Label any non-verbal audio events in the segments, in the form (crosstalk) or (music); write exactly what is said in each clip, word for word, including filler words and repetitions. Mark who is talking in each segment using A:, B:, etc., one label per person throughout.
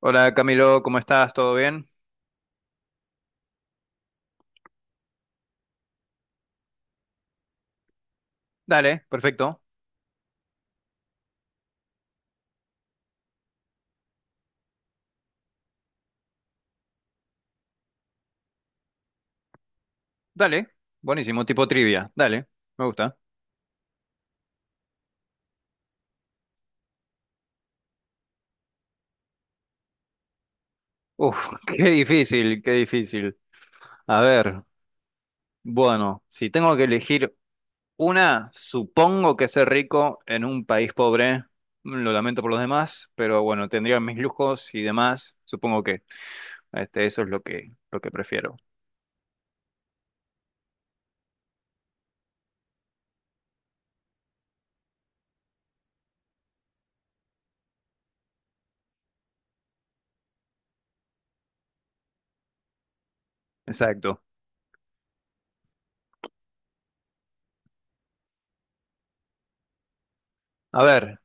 A: Hola Camilo, ¿cómo estás? ¿Todo bien? Dale, perfecto. Dale, buenísimo, tipo trivia. Dale, me gusta. Uf, (laughs) qué difícil, qué difícil. A ver, bueno, si tengo que elegir una, supongo que ser rico en un país pobre, lo lamento por los demás, pero bueno, tendría mis lujos y demás, supongo que este, eso es lo que, lo que prefiero. Exacto. A ver,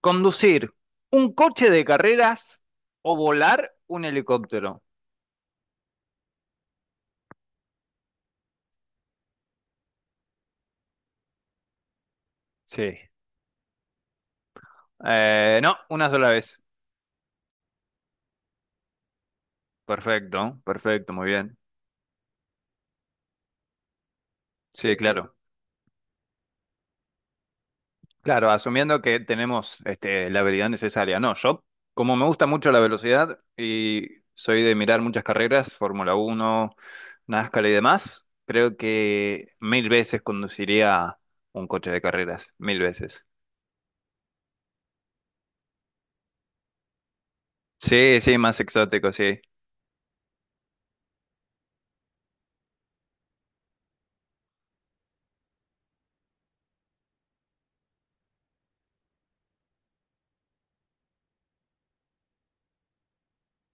A: conducir un coche de carreras o volar un helicóptero. Sí. Eh, no, una sola vez. Perfecto, perfecto, muy bien. Sí, claro. Claro, asumiendo que tenemos este, la habilidad necesaria. No, yo, como me gusta mucho la velocidad y soy de mirar muchas carreras, Fórmula Uno, NASCAR y demás, creo que mil veces conduciría un coche de carreras, mil veces. Sí, sí, más exótico, sí.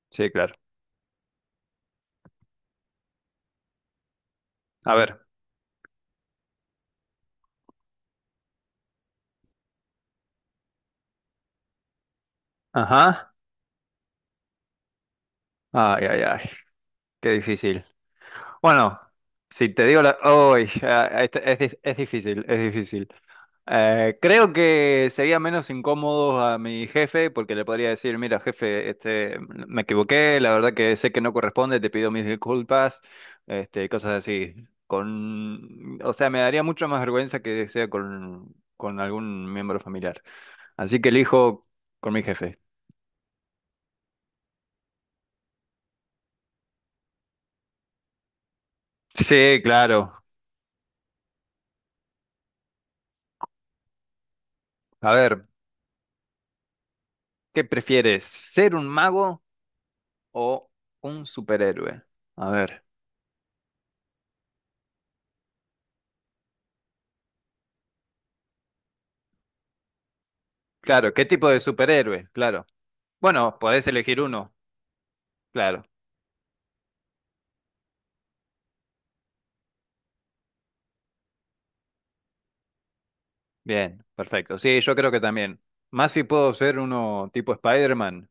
A: Sí, claro. A ver. Ajá. Ay, ay, ay. Qué difícil. Bueno, si te digo la... Uy, ah, este- es, di- es difícil, es difícil. Eh, creo que sería menos incómodo a mi jefe porque le podría decir, mira, jefe, este, me equivoqué, la verdad que sé que no corresponde, te pido mis disculpas, este, cosas así. Con, o sea, me daría mucho más vergüenza que sea con, con, algún miembro familiar. Así que elijo con mi jefe. Sí, claro. A ver, ¿qué prefieres? ¿Ser un mago o un superhéroe? A ver. Claro, ¿qué tipo de superhéroe? Claro. Bueno, podés elegir uno. Claro. Bien, perfecto. Sí, yo creo que también. Más si puedo ser uno tipo Spider-Man.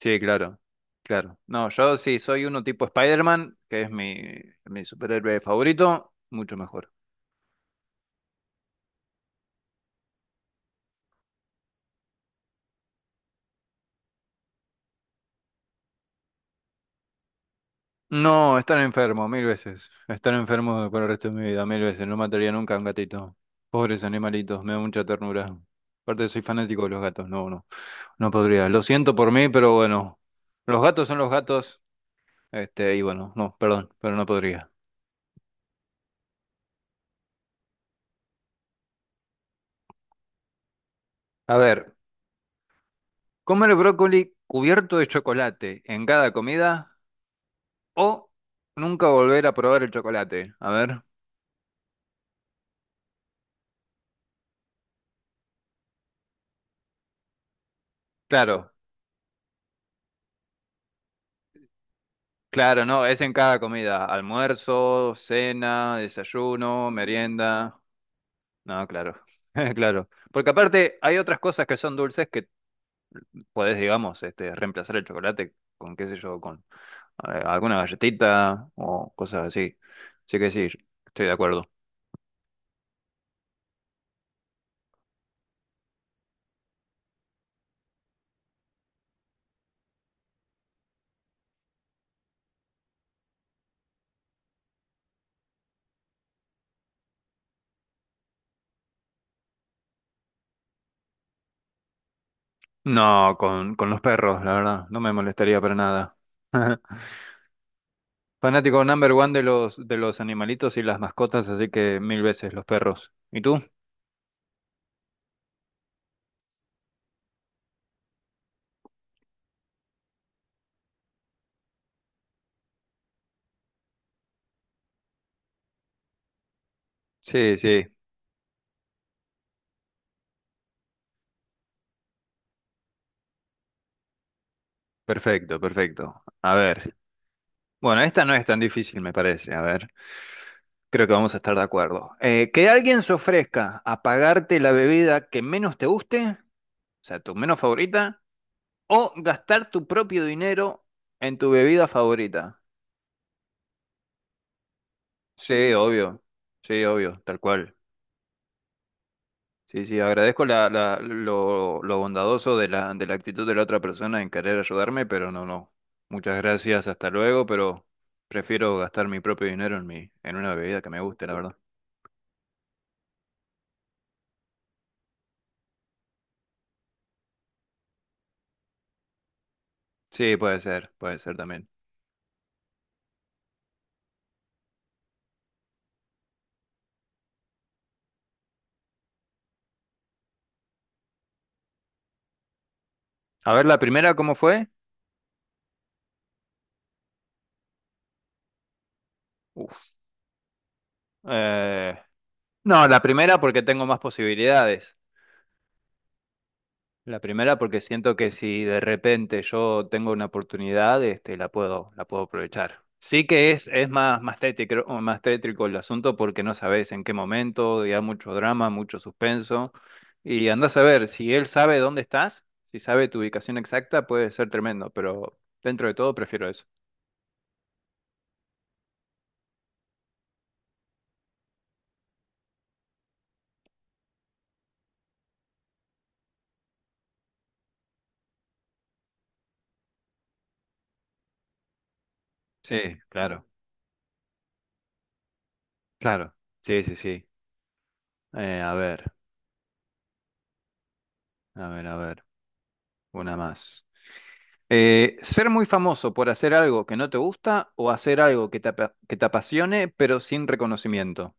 A: Sí, claro. Claro. No, yo sí soy uno tipo Spider-Man, que es mi, mi superhéroe favorito, mucho mejor. No, estar enfermo, mil veces. Estar enfermo por el resto de mi vida, mil veces. No mataría nunca a un gatito. Pobres animalitos, me da mucha ternura. Aparte soy fanático de los gatos, no, no. No podría. Lo siento por mí, pero bueno, los gatos son los gatos. Este, y bueno, no, perdón, pero no podría. A ver, comer brócoli cubierto de chocolate en cada comida o nunca volver a probar el chocolate. A ver, claro, claro, no, es en cada comida. Almuerzo, cena, desayuno, merienda. No, claro, (laughs) claro. Porque aparte hay otras cosas que son dulces que podés, digamos, este, reemplazar el chocolate con, qué sé yo, eh, alguna galletita o cosas así. Así que sí, estoy de acuerdo. No, con, con, los perros, la verdad, no me molestaría para nada. (laughs) Fanático number one de los, de los animalitos y las mascotas, así que mil veces los perros. ¿Y tú? Sí, sí, perfecto, perfecto. A ver. Bueno, esta no es tan difícil, me parece. A ver, creo que vamos a estar de acuerdo. Eh, que alguien se ofrezca a pagarte la bebida que menos te guste, o sea, tu menos favorita, o gastar tu propio dinero en tu bebida favorita. Sí, obvio. Sí, obvio, tal cual. Sí, sí, agradezco la, la- lo, lo bondadoso de la, de la, actitud de la otra persona en querer ayudarme, pero no, no. Muchas gracias, hasta luego, pero prefiero gastar mi propio dinero en mi, en una bebida que me guste, la verdad. Sí, puede ser, puede ser también. A ver, la primera, ¿cómo fue? Uf. Eh, no, la primera porque tengo más posibilidades. La primera porque siento que si de repente yo tengo una oportunidad, este, la puedo, la puedo aprovechar. Sí que es, es más, más tétrico, o más tétrico el asunto porque no sabes en qué momento, ya mucho drama, mucho suspenso. Y andás a ver, si él sabe dónde estás, si sabe tu ubicación exacta, puede ser tremendo, pero dentro de todo prefiero eso. Sí, claro, claro. Sí, sí, sí. Eh, a ver, a ver, a ver. Una más. Eh, ser muy famoso por hacer algo que no te gusta o hacer algo que te, apa- que te apasione pero sin reconocimiento.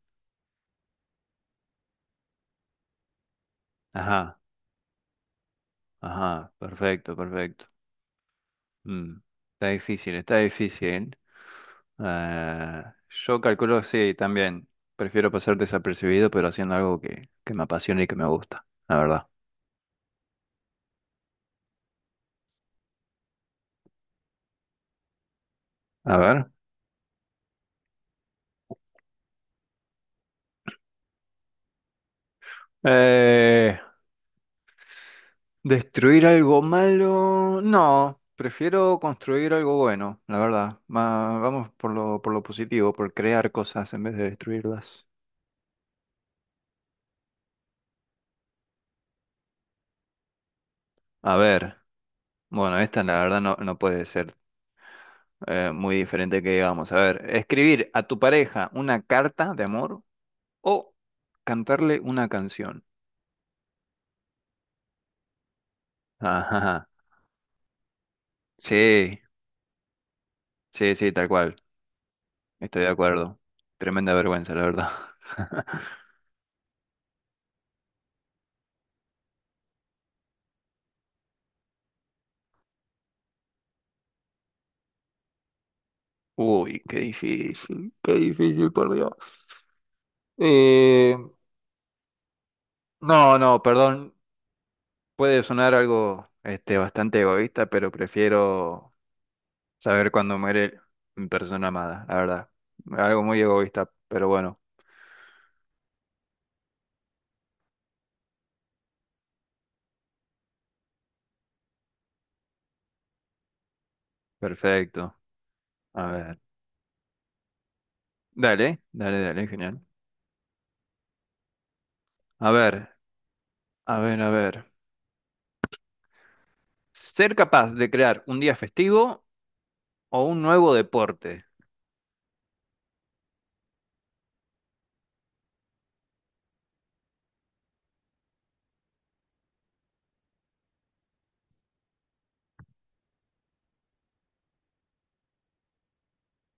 A: Ajá, ajá, perfecto, perfecto. Mm, Está difícil, está difícil. Eh, yo calculo, sí, también. Prefiero pasar desapercibido pero haciendo algo que, que me apasione y que me gusta, la verdad. A ver. Eh, ¿Destruir algo malo? No, prefiero construir algo bueno, la verdad. Ma- vamos por lo, por lo positivo, por crear cosas en vez de destruirlas. A ver, bueno, esta la verdad no, no puede ser eh, muy diferente que digamos. A ver, escribir a tu pareja una carta de amor o cantarle una canción. Ajá. Sí, sí, sí, tal cual. Estoy de acuerdo. Tremenda vergüenza, la verdad. (laughs) Uy, qué difícil, qué difícil, por Dios. Eh, no, no, perdón, puede sonar algo este, bastante egoísta, pero prefiero saber cuándo muere mi persona amada, la verdad. Algo muy egoísta, pero bueno, perfecto. A ver, dale, dale, dale, genial. A ver, a ver, a ver. ¿Ser capaz de crear un día festivo o un nuevo deporte?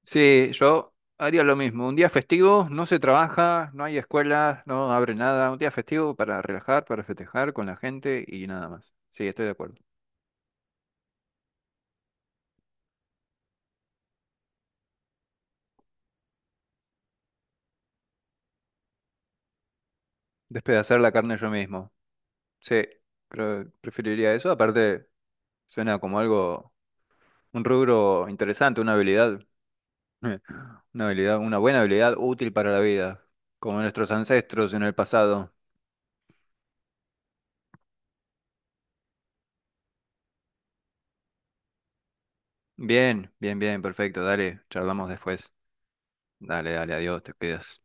A: Sí, yo haría lo mismo. Un día festivo, no se trabaja, no hay escuelas, no abre nada. Un día festivo para relajar, para festejar con la gente y nada más. Sí, estoy de acuerdo. Despedazar la carne yo mismo. Sí, pero preferiría eso. Aparte, suena como algo, un rubro interesante, una habilidad, (laughs) una habilidad, una buena habilidad útil para la vida, como nuestros ancestros en el pasado. Bien, bien, bien, perfecto. Dale, charlamos después. Dale, dale, adiós, te cuidas.